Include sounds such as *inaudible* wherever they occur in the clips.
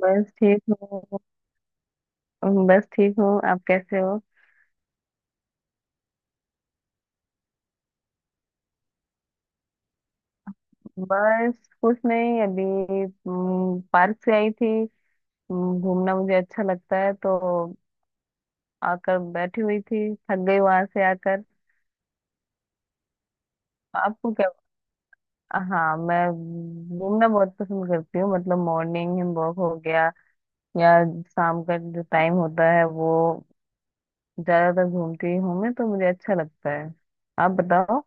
बस ठीक हूँ बस ठीक हूँ आप कैसे हो। बस कुछ नहीं अभी। पार्क से आई थी। घूमना मुझे अच्छा लगता है, तो आकर बैठी हुई थी, थक गई वहां से आकर। आपको क्या? हाँ, मैं घूमना बहुत पसंद करती हूँ। मतलब मॉर्निंग वॉक हो गया या शाम का जो टाइम होता है, वो ज्यादातर घूमती हूँ मैं, तो मुझे अच्छा लगता है। आप बताओ।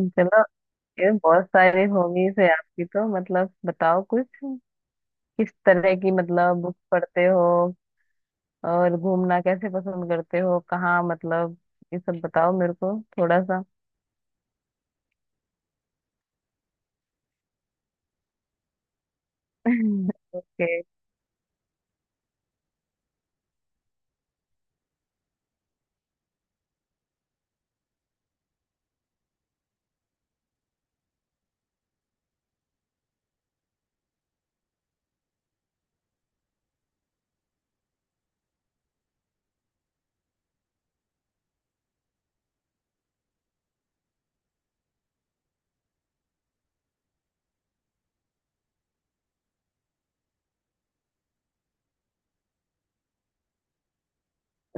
चलो, ये बहुत सारी हॉबीज है आपकी। तो मतलब बताओ कुछ, किस तरह की मतलब बुक पढ़ते हो, और घूमना कैसे पसंद करते हो, कहाँ मतलब ये सब बताओ मेरे को थोड़ा सा। *laughs* ओके।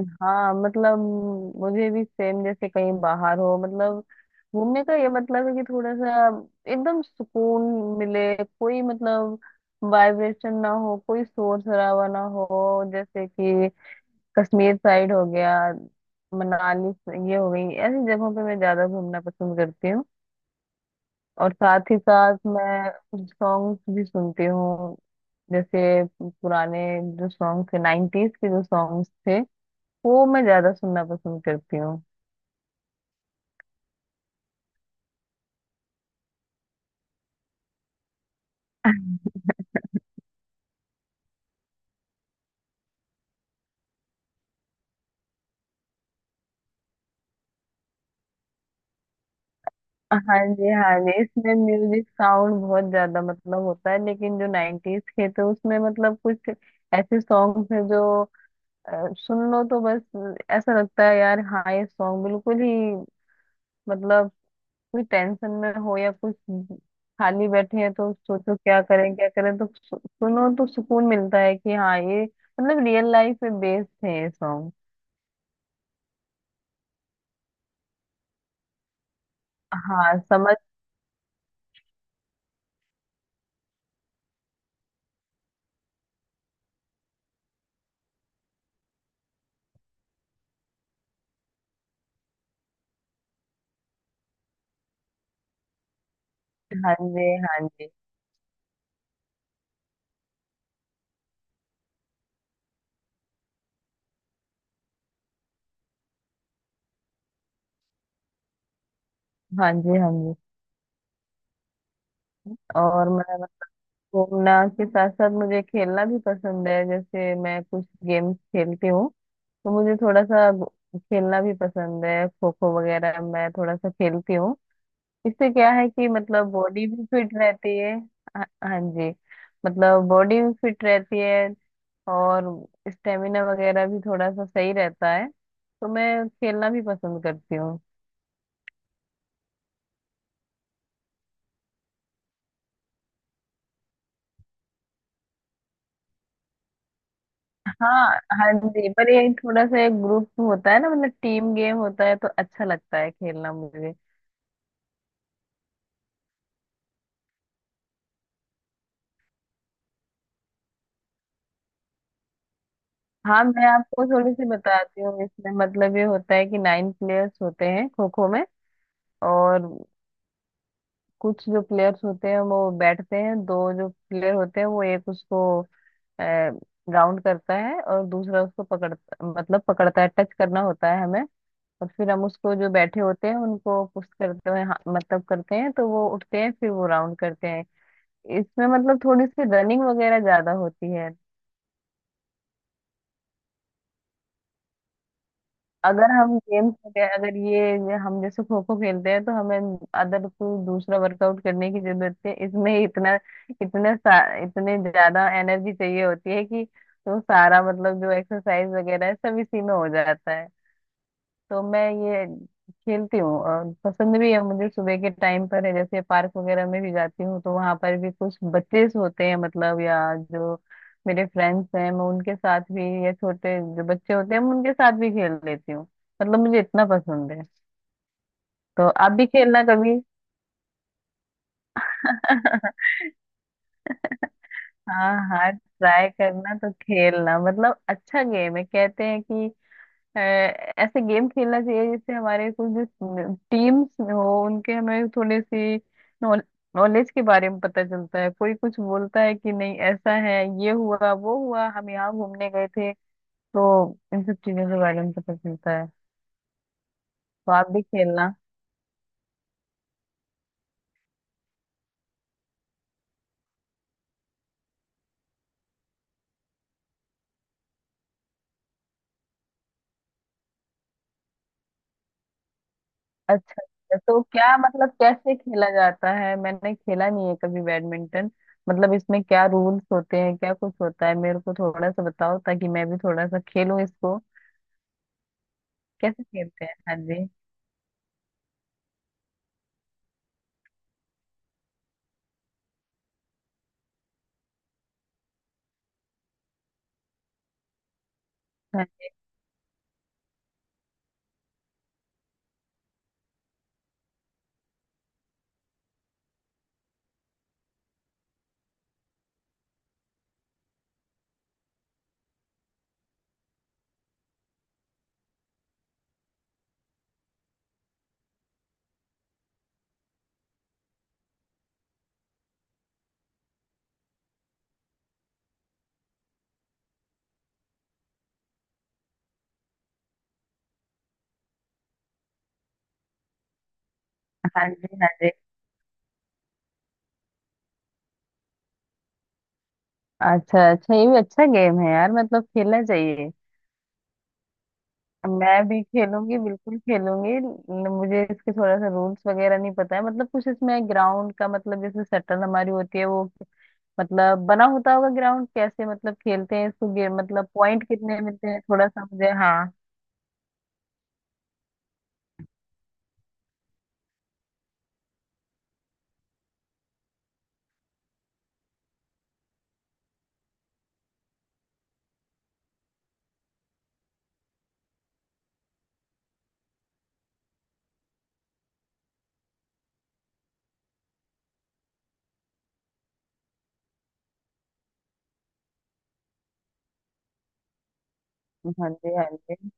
हाँ, मतलब मुझे भी सेम, जैसे कहीं बाहर हो मतलब घूमने का, ये मतलब है कि थोड़ा सा एकदम सुकून मिले, कोई मतलब वाइब्रेशन ना हो, कोई शोर शराबा ना हो। जैसे कि कश्मीर साइड हो गया, मनाली ये हो गई, ऐसी जगहों पे मैं ज्यादा घूमना पसंद करती हूँ। और साथ ही साथ मैं कुछ सॉन्ग्स भी सुनती हूँ। जैसे पुराने जो सॉन्ग्स थे, नाइन्टीज के जो सॉन्ग्स थे, वो मैं ज्यादा सुनना पसंद करती हूँ। हाँ जी, हाँ जी। इसमें म्यूजिक साउंड बहुत ज्यादा मतलब होता है, लेकिन जो नाइन्टीज के, तो उसमें मतलब कुछ ऐसे सॉन्ग है जो अ, सुन लो तो बस ऐसा लगता है यार, हाँ ये सॉन्ग बिल्कुल ही मतलब कोई टेंशन में हो या कुछ खाली बैठे हैं, तो सोचो क्या करें क्या करें, तो सुनो तो सुकून मिलता है कि हाँ ये मतलब रियल लाइफ पे बेस्ड है ये सॉन्ग। हाँ, समझ। हाँ जी, हाँ जी। हाँ जी, हाँ जी। और मैं घूमना के साथ साथ मुझे खेलना भी पसंद है। जैसे मैं कुछ गेम्स खेलती हूँ, तो मुझे थोड़ा सा खेलना भी पसंद है। खो खो वगैरह मैं थोड़ा सा खेलती हूँ, इससे क्या है कि मतलब बॉडी भी फिट रहती है। हाँ हाँ जी, मतलब बॉडी भी फिट रहती है और स्टेमिना वगैरह भी थोड़ा सा सही रहता है, तो मैं खेलना भी पसंद करती हूँ। हाँ हाँ जी, पर ये थोड़ा सा एक ग्रुप होता है ना, मतलब टीम गेम होता है, तो अच्छा लगता है खेलना मुझे। हाँ, मैं आपको थोड़ी सी बताती हूँ। इसमें मतलब ये होता है कि नाइन प्लेयर्स होते हैं खो खो में। और कुछ जो प्लेयर्स होते हैं वो बैठते हैं, दो जो प्लेयर होते हैं वो एक उसको राउंड करता है और दूसरा उसको पकड़ता, मतलब पकड़ता है, टच करना होता है हमें। और फिर हम उसको जो बैठे होते हैं उनको पुश करते हैं, हाँ, मतलब करते हैं, तो वो उठते हैं फिर वो राउंड करते हैं। इसमें मतलब थोड़ी सी रनिंग वगैरह ज्यादा होती है। अगर हम गेम्स वगैरह, अगर ये हम जैसे खो खो खेलते हैं, तो हमें अदर कोई दूसरा वर्कआउट करने की जरूरत है इसमें, इतना इतने ज्यादा एनर्जी चाहिए होती है कि तो सारा मतलब जो एक्सरसाइज वगैरह है सब इसी में हो जाता है। तो मैं ये खेलती हूँ और पसंद भी है मुझे। सुबह के टाइम पर है जैसे पार्क वगैरह में भी जाती हूँ, तो वहां पर भी कुछ बच्चे होते हैं मतलब, या जो मेरे फ्रेंड्स हैं मैं उनके साथ भी, या छोटे जो बच्चे होते हैं मैं उनके साथ भी खेल लेती हूँ। मतलब मुझे इतना पसंद है। तो आप भी खेलना कभी। *laughs* हाँ हाँ, ट्राई करना तो खेलना। मतलब अच्छा गेम है, कहते हैं कि ऐसे गेम खेलना चाहिए जिससे हमारे कुछ जो टीम्स हो उनके हमें थोड़ी सी नॉलेज के बारे में पता चलता है, कोई कुछ बोलता है कि नहीं ऐसा है, ये हुआ वो हुआ, हम यहाँ घूमने गए थे, तो इन सब चीजों के बारे में पता चलता है। तो आप भी खेलना। अच्छा अच्छा, तो क्या मतलब कैसे खेला जाता है? मैंने खेला नहीं है कभी बैडमिंटन, मतलब इसमें क्या रूल्स होते हैं, क्या कुछ होता है मेरे को थोड़ा सा बताओ, ताकि मैं भी थोड़ा सा खेलूं इसको, कैसे खेलते हैं। हाँ जी, हाँ जी, हाँ जी। अच्छा अच्छा, ये भी अच्छा गेम है यार, मतलब खेलना चाहिए। मैं भी खेलूंगी, बिल्कुल खेलूंगी। मुझे इसके थोड़ा सा रूल्स वगैरह नहीं पता है, मतलब कुछ इसमें ग्राउंड का मतलब जैसे शटल हमारी होती है वो, मतलब बना होता होगा ग्राउंड कैसे मतलब खेलते हैं इसको, गेम मतलब पॉइंट कितने मिलते हैं थोड़ा सा मुझे, हाँ। हाँ जी, हाँ जी। हाँ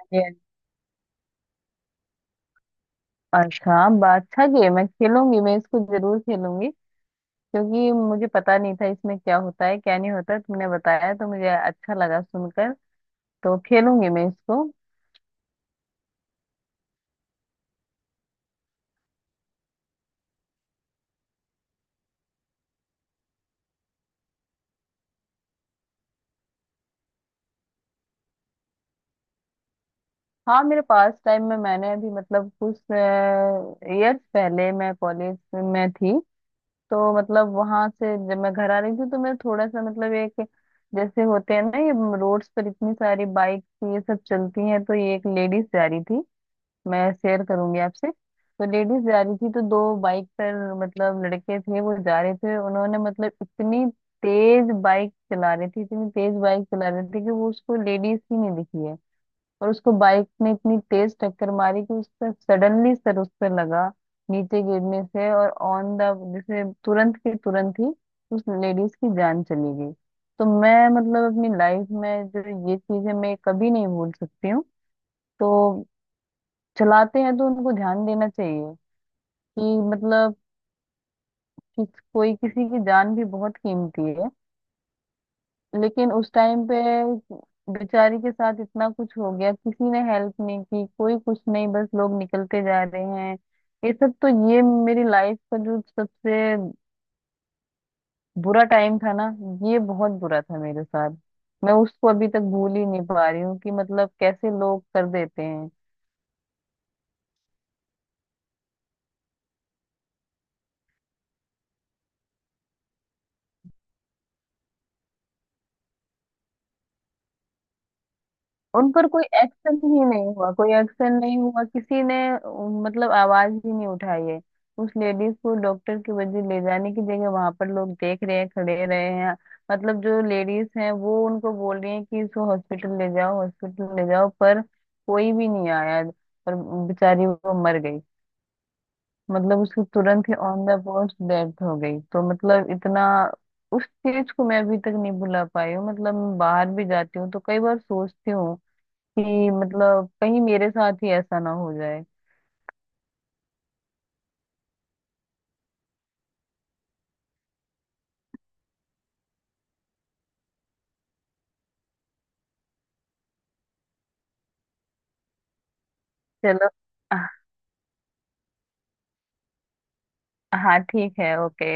जी, हाँ जी। अच्छा अच्छा गेम है, खेलूंगी मैं इसको, जरूर खेलूंगी, क्योंकि मुझे पता नहीं था इसमें क्या होता है क्या नहीं होता, तुमने बताया तो मुझे अच्छा लगा सुनकर, तो खेलूंगी मैं इसको। हाँ, मेरे पास टाइम में मैंने अभी मतलब कुछ ईयर्स पहले मैं कॉलेज में थी, तो मतलब वहां से जब मैं घर आ रही थी, तो मैं थोड़ा सा मतलब एक, जैसे होते हैं ना ये रोड्स पर इतनी सारी बाइक ये सब चलती हैं, तो ये एक लेडीज जा रही थी, मैं शेयर करूंगी आपसे। तो लेडीज जा रही थी, तो दो बाइक पर मतलब लड़के थे वो जा रहे थे, उन्होंने मतलब इतनी तेज बाइक चला रही थी कि वो उसको लेडीज ही नहीं दिखी है, और उसको बाइक ने इतनी तेज टक्कर मारी कि उसका सडनली सर उस पे लगा नीचे गिरने से, और ऑन द, जैसे तुरंत के तुरंत ही उस लेडीज की जान चली गई। तो मैं मतलब अपनी लाइफ में जो ये चीजें मैं कभी नहीं भूल सकती हूँ। तो चलाते हैं तो उनको ध्यान देना चाहिए कि मतलब कि कोई किसी की जान भी बहुत कीमती है। लेकिन उस टाइम पे बेचारी के साथ इतना कुछ हो गया, किसी ने हेल्प नहीं की, कोई कुछ नहीं, बस लोग निकलते जा रहे हैं ये सब। तो ये मेरी लाइफ का जो सबसे बुरा टाइम था ना, ये बहुत बुरा था मेरे साथ। मैं उसको अभी तक भूल ही नहीं पा रही हूँ कि मतलब कैसे लोग कर देते हैं। उन पर कोई एक्शन ही नहीं हुआ, कोई एक्शन नहीं हुआ, किसी ने मतलब आवाज ही नहीं उठाई है। उस लेडीज को डॉक्टर की वजह ले जाने की जगह वहां पर लोग देख रहे हैं, खड़े रहे हैं। मतलब जो लेडीज हैं वो उनको बोल रही हैं कि इसको हॉस्पिटल ले जाओ हॉस्पिटल ले जाओ, पर कोई भी नहीं आया। पर बेचारी वो मर गई, मतलब उसकी तुरंत ही ऑन द स्पॉट डेथ हो गई। तो मतलब इतना उस चीज को मैं अभी तक नहीं भुला पाई हूँ। मतलब मैं बाहर भी जाती हूँ तो कई बार सोचती हूँ कि मतलब कहीं मेरे साथ ही ऐसा ना हो जाए। चलो। आह, हाँ, ठीक है, ओके।